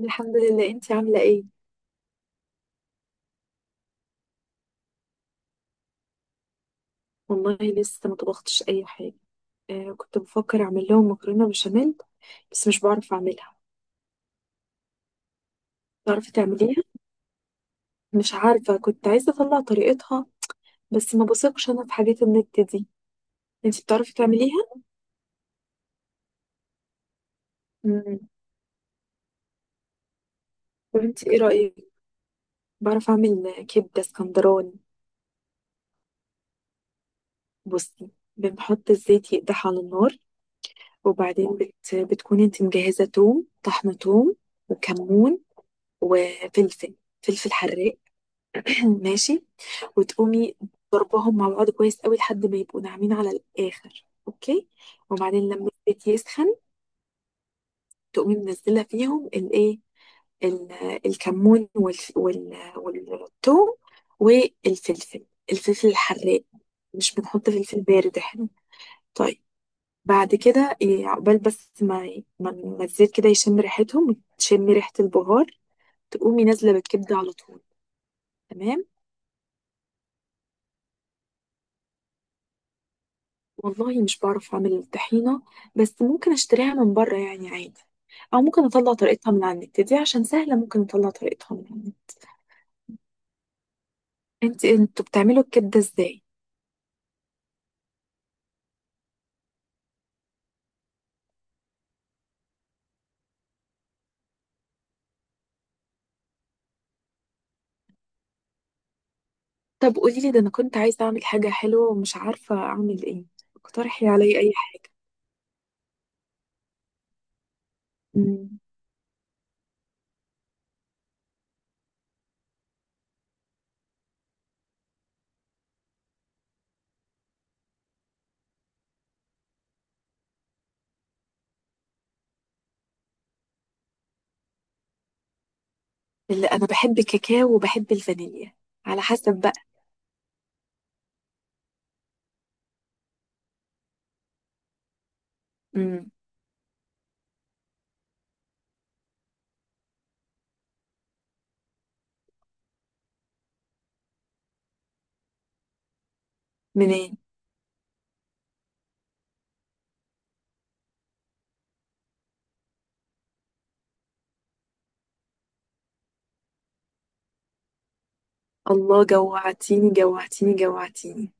الحمد لله، انتي عاملة ايه؟ والله لسه ما طبختش اي حاجة. كنت بفكر اعمل لهم مكرونة بشاميل، بس مش بعرف اعملها. تعرفي تعمليها؟ مش عارفة، كنت عايزة اطلع طريقتها، بس ما بثقش انا في حاجات النت دي. انتي بتعرفي تعمليها؟ امم. طب انتي ايه رأيك؟ بعرف اعمل كبدة اسكندراني. بصي، بنحط الزيت يقدح على النار، وبعدين بتكون انتي مجهزة توم، طحنة توم، وكمون، وفلفل، فلفل حراق، ماشي، وتقومي ضربهم مع بعض كويس قوي لحد ما يبقوا ناعمين على الآخر. اوكي، وبعدين لما الزيت يسخن، تقومي منزلة فيهم الايه، ال- الكمون وال والثوم والفلفل، الفلفل الحراق. مش بنحط فلفل بارد احنا. طيب، بعد كده إيه، عقبال بس ما الزيت كده يشم ريحتهم وتشمي ريحة البهار، تقومي نازلة بالكبدة على طول. تمام، والله مش بعرف اعمل الطحينة، بس ممكن اشتريها من بره يعني عادي، او ممكن اطلع طريقتها من على النت دي عشان سهلة، ممكن اطلع طريقتها من على النت. انت انتوا بتعملوا الكبدة ازاي؟ طب قولي لي، ده انا كنت عايزة اعمل حاجة حلوة ومش عارفة اعمل ايه، اقترحي عليا اي حاجة. امم اللي انا بحب الكاكاو وبحب الفانيليا، على حسب بقى. امم. منين. الله، جوعتيني جوعتيني جوعتيني.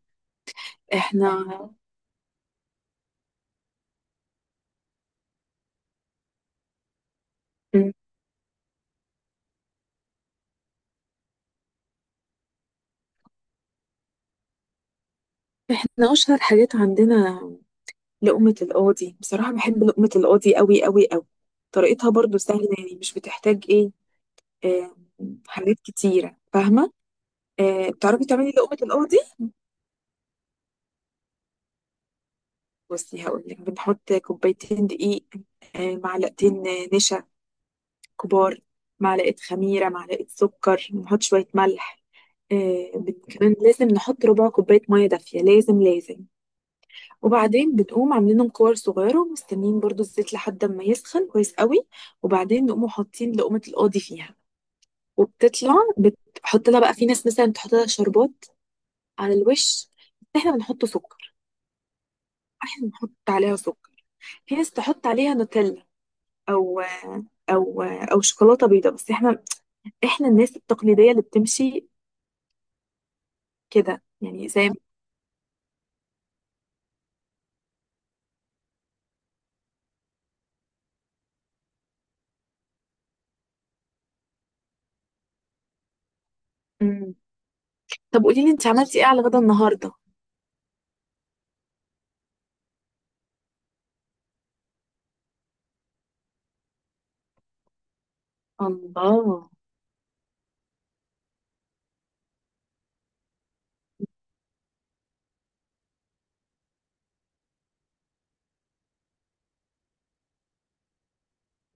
احنا مم. احنا اشهر حاجات عندنا لقمة القاضي، بصراحة بحب لقمة القاضي قوي قوي قوي. طريقتها برضو سهلة يعني، مش بتحتاج ايه، آه حاجات كتيرة، فاهمة. بتعرفي تعملي لقمة القاضي؟ بصي هقولك، بنحط كوبايتين دقيق، معلقتين نشا كبار، معلقة خميرة، معلقة سكر، نحط شوية ملح، كمان لازم نحط ربع كوباية مية دافية، لازم لازم. وبعدين بنقوم عاملينهم كور صغيرة ومستنيين برضو الزيت لحد ما يسخن كويس قوي، وبعدين نقوم حاطين لقمة القاضي فيها. وبتطلع بتحط لها بقى، في ناس مثلا بتحط لها شربات على الوش، بس احنا بنحط سكر، احنا بنحط عليها سكر. في ناس تحط عليها نوتيلا، او او شوكولاتة بيضاء، بس احنا، احنا الناس التقليدية اللي بتمشي كده يعني، زي. مم. طب قولي لي انت عملتي ايه على غدا النهاردة؟ الله،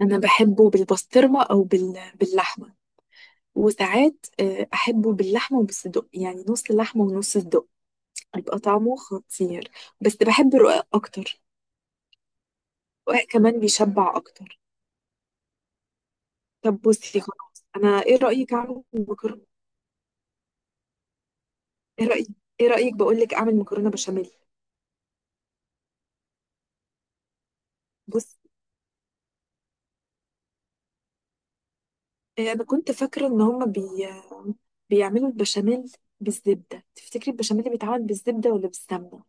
انا بحبه بالبسطرمة او باللحمة، وساعات أحبه باللحمة وبالصدق، يعني نص لحمة ونص صدق، بيبقى طعمه خطير. بس بحب الرقاق أكتر، الرقاق كمان بيشبع أكتر. طب بصي، خلاص أنا إيه رأيك أعمل مكرونة؟ إيه رأيك؟ إيه رأيك بقولك أعمل مكرونة بشاميل؟ بص، أنا كنت فاكرة إن هما بيعملوا البشاميل بالزبدة. تفتكري البشاميل بيتعمل بالزبدة ولا بالسمنة؟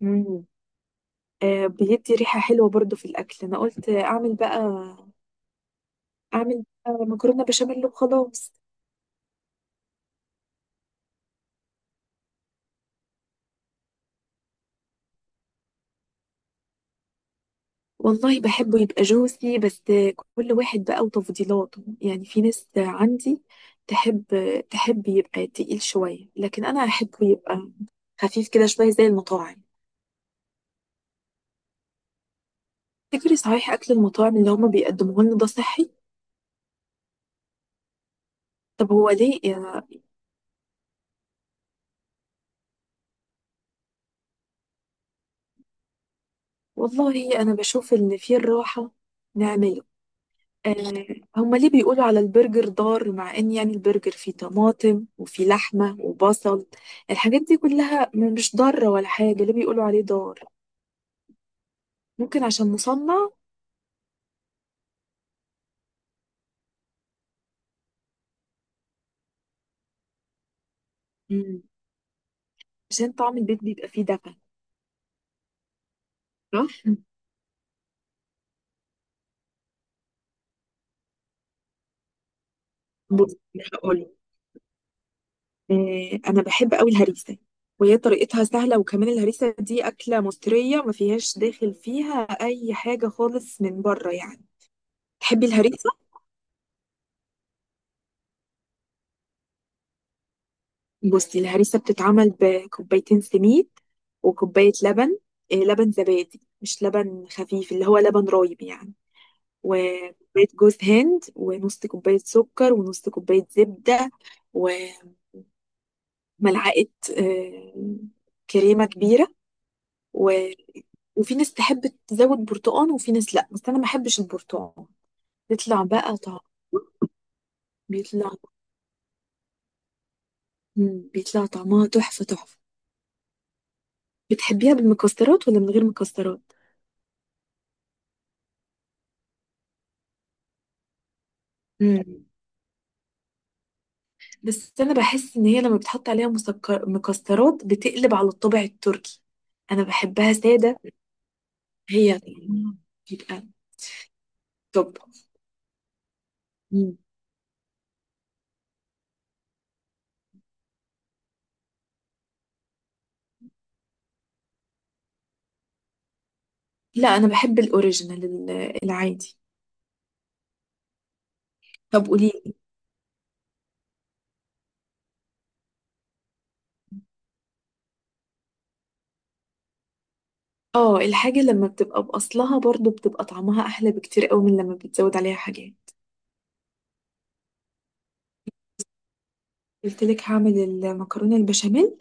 مم. بيدي ريحة حلوة برضو في الأكل. أنا قلت أعمل بقى مكرونة بشاميل وخلاص. والله بحبه يبقى جوسي، بس كل واحد بقى وتفضيلاته، يعني في ناس عندي تحب تحب يبقى تقيل شوية، لكن أنا أحبه يبقى خفيف كده شوية زي المطاعم. تفتكري صحيح أكل المطاعم اللي هما بيقدموه لنا ده صحي؟ طب هو ليه والله أنا بشوف إن في الراحة نعمله. آه هما ليه بيقولوا على البرجر ضار، مع إن يعني البرجر فيه طماطم وفيه لحمة وبصل، الحاجات دي كلها مش ضارة ولا حاجة، ليه بيقولوا عليه ضار؟ ممكن عشان مصنع. مم. عشان طعم البيت بيبقى فيه دفى، صح. بص، هقول، انا بحب قوي الهريسه، وهي طريقتها سهله، وكمان الهريسه دي اكله مصريه، ما فيهاش داخل فيها اي حاجه خالص من بره يعني. تحبي الهريسه؟ بصي الهريسه بتتعمل بكوبايتين سميد، وكوبايه لبن، لبن زبادي، مش لبن خفيف، اللي هو لبن رايب يعني، وكوباية جوز هند، ونص كوباية سكر، ونص كوباية زبدة، ملعقة آه، كريمة كبيرة، و... وفي ناس تحب تزود برتقان، وفي ناس لأ، بس أنا ما بحبش البرتقان. بيطلع بقى طعم بيطلع مم. بيطلع طعمها تحفة تحفة. بتحبيها بالمكسرات ولا من غير مكسرات؟ مم. بس أنا بحس إن هي لما بتحط عليها مكسرات، بتقلب على الطابع التركي، أنا بحبها سادة. هي طعمها بيبقى توب. مم. لا أنا بحب الأوريجينال العادي. طب قولي، اه الحاجة لما بتبقى بأصلها برضو بتبقى طعمها أحلى بكتير قوي من لما بتزود عليها حاجات. قلت لك هعمل المكرونة البشاميل،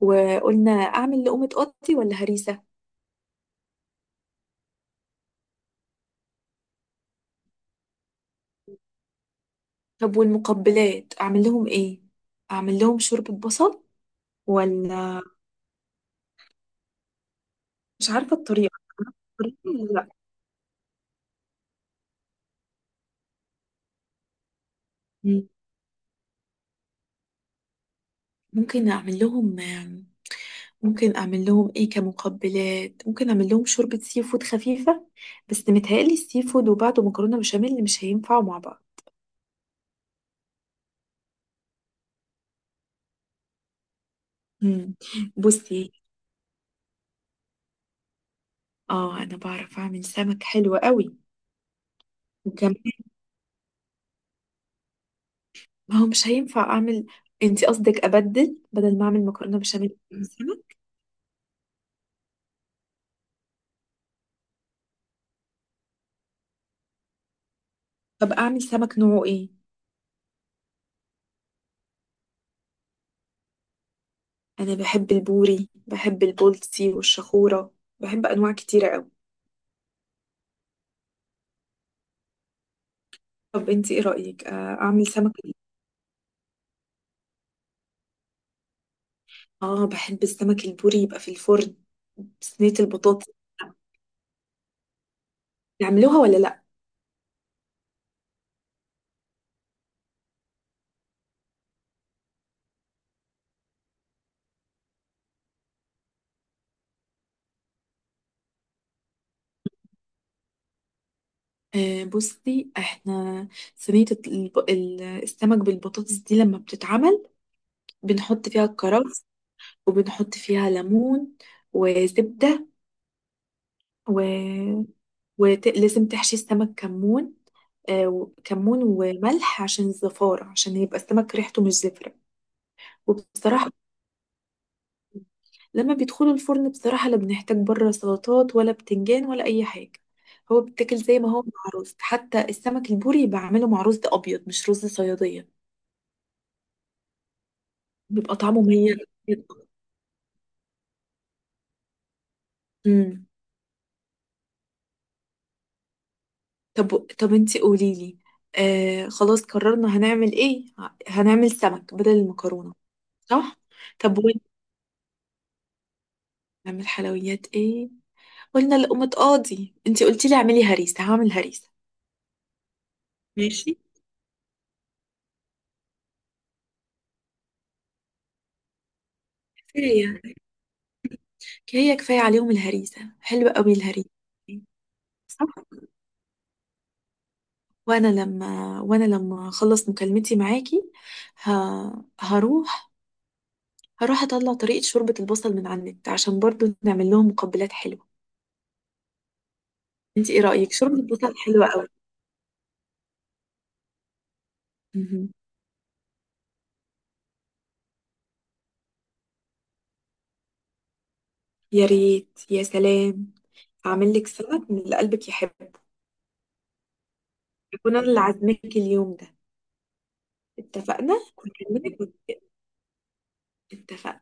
وقلنا أعمل لقومة قطي ولا هريسة. طب والمقبلات أعمل لهم إيه؟ أعمل لهم شوربة بصل ولا؟ مش عارفة الطريقة، عارفة الطريقة ولا لأ. مم. ممكن أعمل لهم، ممكن أعمل لهم إيه كمقبلات، ممكن أعمل لهم شوربة سي فود خفيفة، بس متهيألي السي فود وبعده مكرونة بشاميل مش هينفعوا مع بعض. مم. بصي، اه انا بعرف اعمل سمك حلو قوي. وكمان، ما هو مش هينفع اعمل، انتي قصدك ابدل، بدل ما اعمل مكرونه بشاميل أعمل سمك. طب اعمل سمك نوعه ايه؟ انا بحب البوري، بحب البولتي والشخوره، بحب انواع كتيره قوي. طب انتي ايه رايك اعمل سمك إيه؟ اه بحب السمك البوري يبقى في الفرن، صينيه البطاطس، نعملوها ولا لا؟ بصي، احنا صينيه السمك بالبطاطس دي لما بتتعمل بنحط فيها الكرفس، وبنحط فيها ليمون، وزبدة، و... ولازم تحشي السمك كمون، كمون وملح عشان الزفارة، عشان يبقى السمك ريحته مش زفرة. وبصراحة لما بيدخلوا الفرن، بصراحة لا بنحتاج بره سلطات ولا بتنجان ولا أي حاجة، هو بيتاكل زي ما هو مع رز، حتى السمك البوري بعمله مع رز أبيض، مش رز صيادية. بيبقى طعمه مميز جدا. طب طب انتي قوليلي، خلاص قررنا هنعمل ايه. هنعمل سمك بدل المكرونة، صح. طب وين نعمل حلويات ايه؟ قلنا لقمة قاضي، انتي قلتي لي اعملي هريسة، هعمل هريسة ماشي. كفاية كفاية كفاية عليهم، الهريسة حلوة قوي الهريسة، صح. وانا لما اخلص مكالمتي معاكي، ه... هروح هروح اطلع طريقة شوربة البصل من على النت عشان برضو نعمل لهم مقبلات حلوة. انتي ايه رأيك شوربة البصل حلوة قوي؟ مهم. يا ريت يا سلام، هعمل لك سلطة من اللي قلبك يحبه، أكون أنا اللي عازماك اليوم ده. اتفقنا؟ اتفقنا.